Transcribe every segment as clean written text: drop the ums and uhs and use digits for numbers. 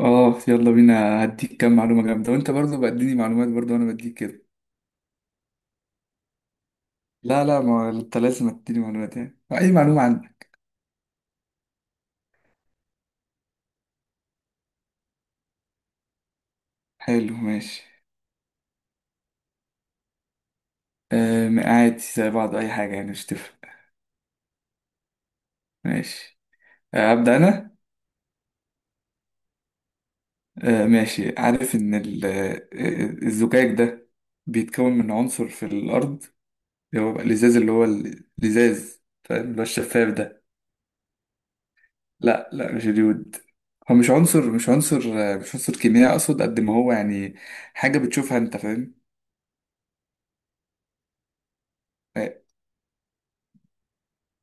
اه يلا بينا هديك كام معلومة جامدة، وانت برضو بديني معلومات برضو وانا بديك كده. لا، ما انت لازم تديني معلومات، يعني اي معلومة عندك. حلو، ماشي. آه عادي، زي بعض، اي حاجة يعني مش تفرق. ماشي. آه ابدأ انا. آه ماشي. عارف ان الزجاج ده بيتكون من عنصر في الارض، اللي هو بقى الازاز، اللي هو الازاز، فاهم؟ اللي هو الشفاف ده. لا مش اليود. هو مش عنصر، مش عنصر، مش عنصر كيميائي اقصد قد ما هو يعني حاجه بتشوفها انت، فاهم؟ آه،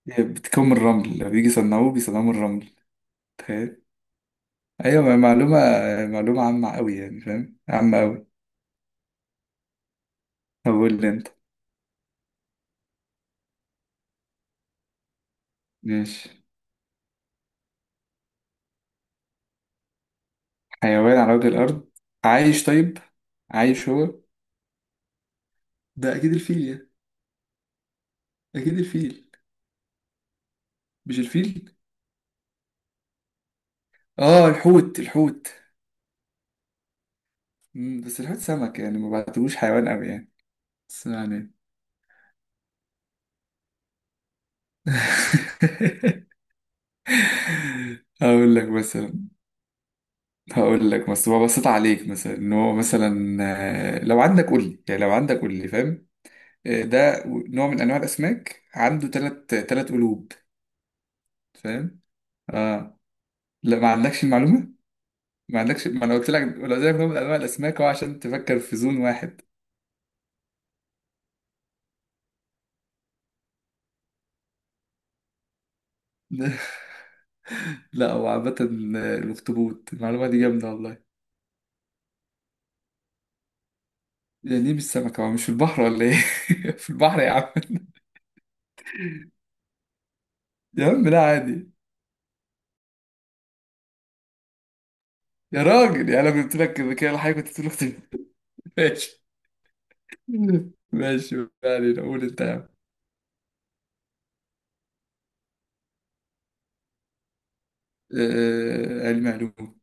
هي بتكون من الرمل، لما بيجي يصنعوه بيصنعوه من الرمل. فاهم؟ ايوه معلومه، معلومه عامه قوي يعني، فاهم؟ عامه قوي. طب قول لي انت. ماشي. حيوان على وجه الارض عايش طيب؟ عايش هو؟ ده اكيد الفيل يعني. اكيد الفيل. مش الفيل؟ اه الحوت، الحوت. مم، بس الحوت سمك يعني، ما بعتبوش حيوان قوي يعني، بس يعني. هقول لك مثلا، هقول لك ببسط عليك مثلا، ان هو مثلا لو عندك قول لي، يعني لو عندك قول لي، فاهم؟ ده نوع من انواع الاسماك، عنده ثلاث قلوب. فاهم؟ اه. لا ما عندكش المعلومه، ما عندكش. ما انا قلت لك، لو قلت لك نوع من انواع الاسماك هو عشان تفكر في زون واحد. لا هو عامه الاخطبوط، المعلومه دي جامده والله. يعني ليه مش سمكه؟ هو مش في البحر ولا ايه؟ في البحر يا عم. يا عم لا عادي. يا راجل يعني، انا قلت لك كده كده الحاجه كنت تقول اختي. ماشي. ماشي، ما علينا، قول انت يا عم. علم علوم.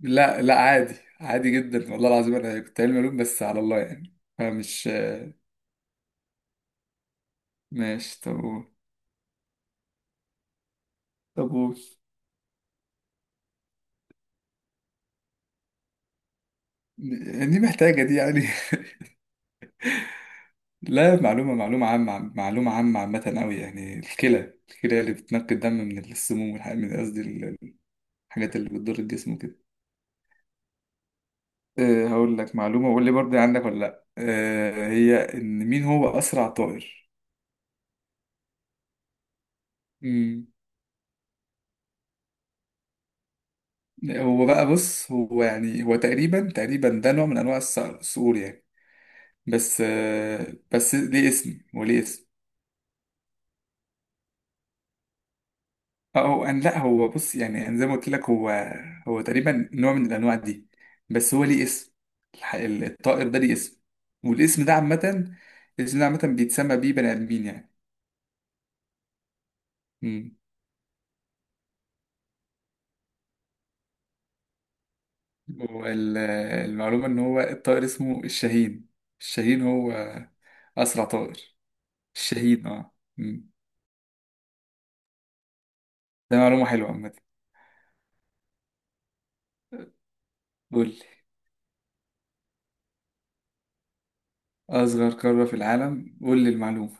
لا عادي، عادي جدا والله العظيم، انا كنت علم علوم بس على الله يعني، فمش ماشي، طب قول. طب قول. دي محتاجة دي يعني. لا معلومة، معلومة عامة، معلومة عامة، عامة أوي يعني. الكلى، الكلى اللي بتنقي الدم من السموم والحاجات، من قصدي الحاجات اللي بتضر الجسم وكده. أه هقول لك معلومة وقول لي برضه عندك ولا لأ. أه هي، إن مين هو أسرع طائر؟ مم. هو بقى بص، هو يعني هو تقريبا، تقريبا ده نوع من انواع الصقور يعني، بس بس ليه اسم، وليه اسم. اه هو لا هو بص، يعني أنا زي ما قلت لك، هو هو تقريبا نوع من الانواع دي، بس هو ليه اسم. الطائر ده ليه اسم، والاسم ده عامة، الاسم ده عامة بيتسمى بيه بني ادمين يعني. مم. والمعلومة ان هو الطائر اسمه الشاهين. الشاهين هو اسرع طائر. الشاهين اه. مم. ده معلومة حلوة عامة. قول. أصغر قارة في العالم؟ قول لي المعلومة.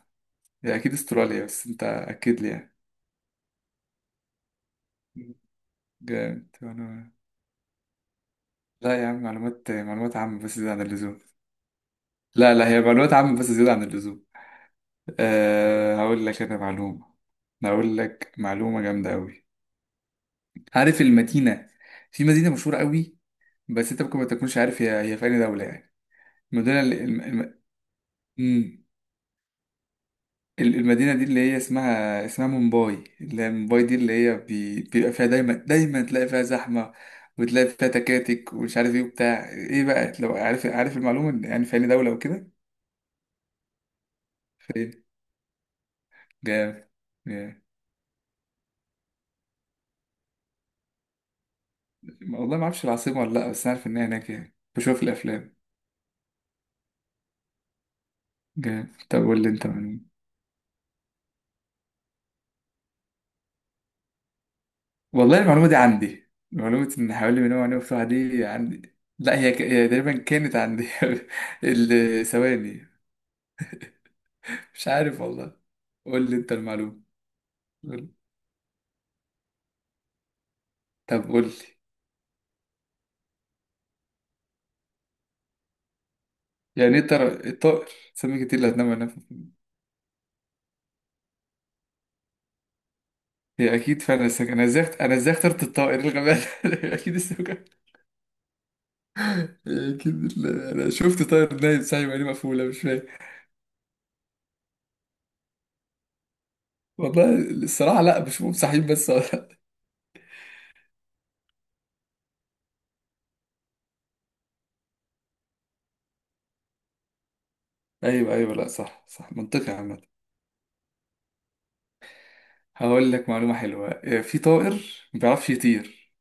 هي أكيد أستراليا، بس أنت أكد لي يعني. جامد أنا. لا يا عم، معلومات، معلومات عامة بس زيادة عن اللزوم. لا هي معلومات عامة بس زيادة عن اللزوم. أه هقول لك أنا معلومة. أنا هقول لك معلومة جامدة أوي. عارف المدينة؟ في مدينة مشهورة أوي، بس أنت ممكن ما تكونش عارف هي في أي دولة يعني. المدينة اللي الم... المدينة دي، اللي هي اسمها، اسمها مومباي، اللي هي مومباي دي، اللي هي بيبقى فيها دايما، دايما تلاقي فيها زحمة، وتلاقي فيها تكاتك ومش عارف ايه وبتاع ايه بقى، لو عارف، عارف المعلومة يعني في أي دولة وكده. فين؟ جامد. جامد، والله ما اعرفش العاصمة ولا لا، بس عارف ان هي هناك يعني، بشوف الافلام. جامد. طب قول لي انت معلومة. والله المعلومة دي عندي، معلومة ان حوالي من وأنا بتوع دي عندي، لا هي هي تقريبا كانت عندي. ثواني. مش عارف والله. قول لي انت المعلومة. قول- طب قول لي. يعني ايه ترى؟ الطائر، سمكة، ايه اللي هتنام وانا هي اكيد فعلا السمكة، انا ازاي، انا ازاي اخترت الطائر؟ إيه الغباء ده؟ اكيد السمكة، اكيد ال- انا شفت طائر نايم صاحي وعينيه مقفولة، مش فاهم. والله الصراحة لا، بشوفهم صاحيين بس. ايوه ايوه، لا صح، صح منطقي عامة. هقول لك معلومة حلوة. في طائر ما بيعرفش يطير،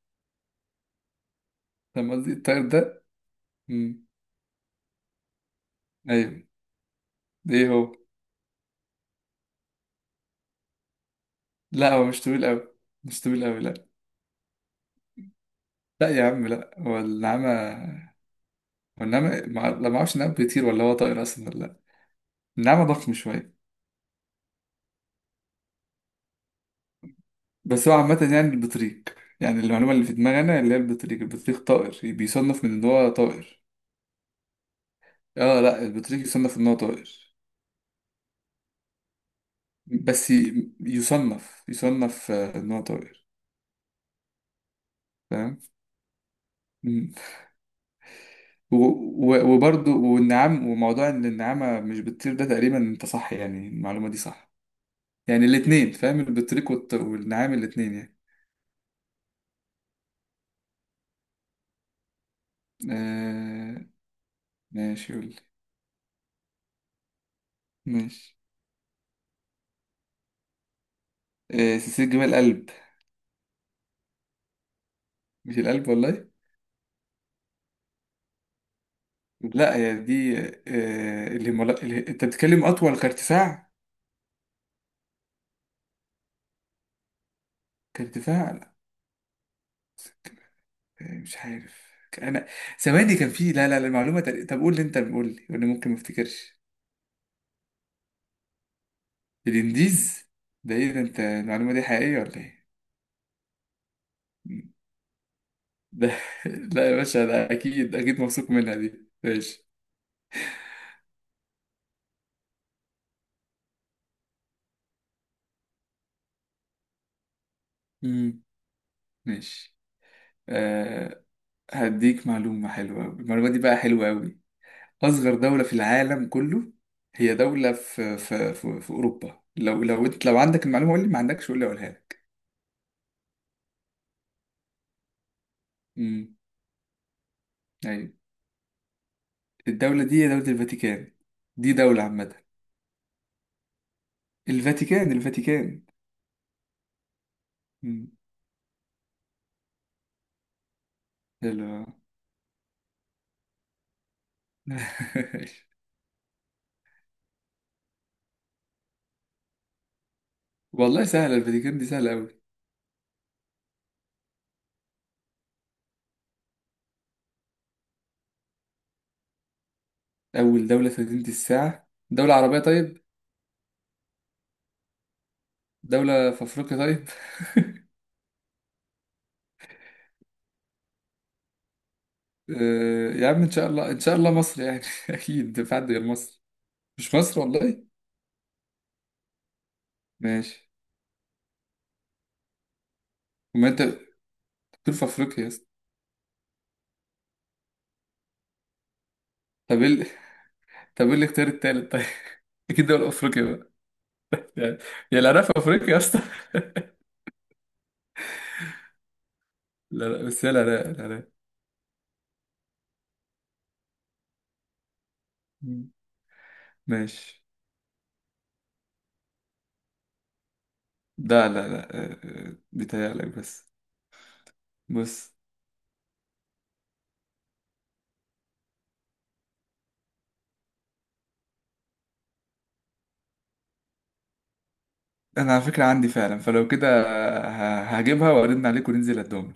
فاهم قصدي؟ الطائر ده. مم. ايوه، ايه هو؟ لا هو مش طويل قوي، مش طويل قوي، لا. لا يا عم، لا هو النعامة. والنعمة لا ما اعرفش النعمة بيطير ولا هو طائر اصلا ولا لا. النعمة ضخم شوية. بس هو عامة يعني البطريق، يعني المعلومة اللي في دماغي انا اللي هي البطريق، البطريق طائر، بيصنف من ان هو طائر. اه لا البطريق يصنف ان هو طائر. بس يصنف، يصنف ان هو طائر، فاهم؟ مم. و... وبرضه والنعام، وموضوع ان النعامة مش بتطير ده تقريبا انت صح، يعني المعلومة دي صح. يعني الاتنين، فاهم؟ البطريق والنعام، الاتنين يعني. آه. ماشي قول. سلسلة جمال القلب. مش القلب والله. لا هي دي الهيمالا انت بتتكلم اطول كارتفاع. كارتفاع لا. مش عارف انا. ثواني، كان في، لا المعلومة طب قول لي انت، قول لي وانا ممكن ما افتكرش. الانديز؟ ده ايه ده، انت المعلومة دي حقيقية ولا ايه ده؟ لا يا باشا، ده اكيد، اكيد مبسوط منها دي، ماشي. مم. ماشي. أه هديك معلومة حلوة أوي، المعلومة دي بقى حلوة أوي. أصغر دولة في العالم كله. هي دولة في، في أوروبا، لو أنت لو عندك المعلومة قول لي، ما عندكش قول لي أقولها لك. امم. أيوة. الدولة دي هي دولة الفاتيكان، دي دولة عامة. الفاتيكان، الفاتيكان. امم. حلو. والله سهلة، الفاتيكان دي سهلة أوي. أول دولة في مدينة الساعة دولة عربية طيب. دولة في أفريقيا طيب. يا عم إن شاء الله، إن شاء الله مصر يعني، أكيد في حد غير مصر. مش مصر والله. ماشي. وما أنت، دول في أفريقيا. طب ايه طب ايه الاختيار التالت طيب؟ اكيد دول افريقيا بقى، يعني. يا العراق في افريقيا يا اسطى. لا بس هي العراق، العراق. مم. ماشي. لا لا لا آه، آه، بيتهيألك بس. بص، انا على فكرة عندي فعلا، فلو كده هجيبها وارن عليك وننزل الدوم.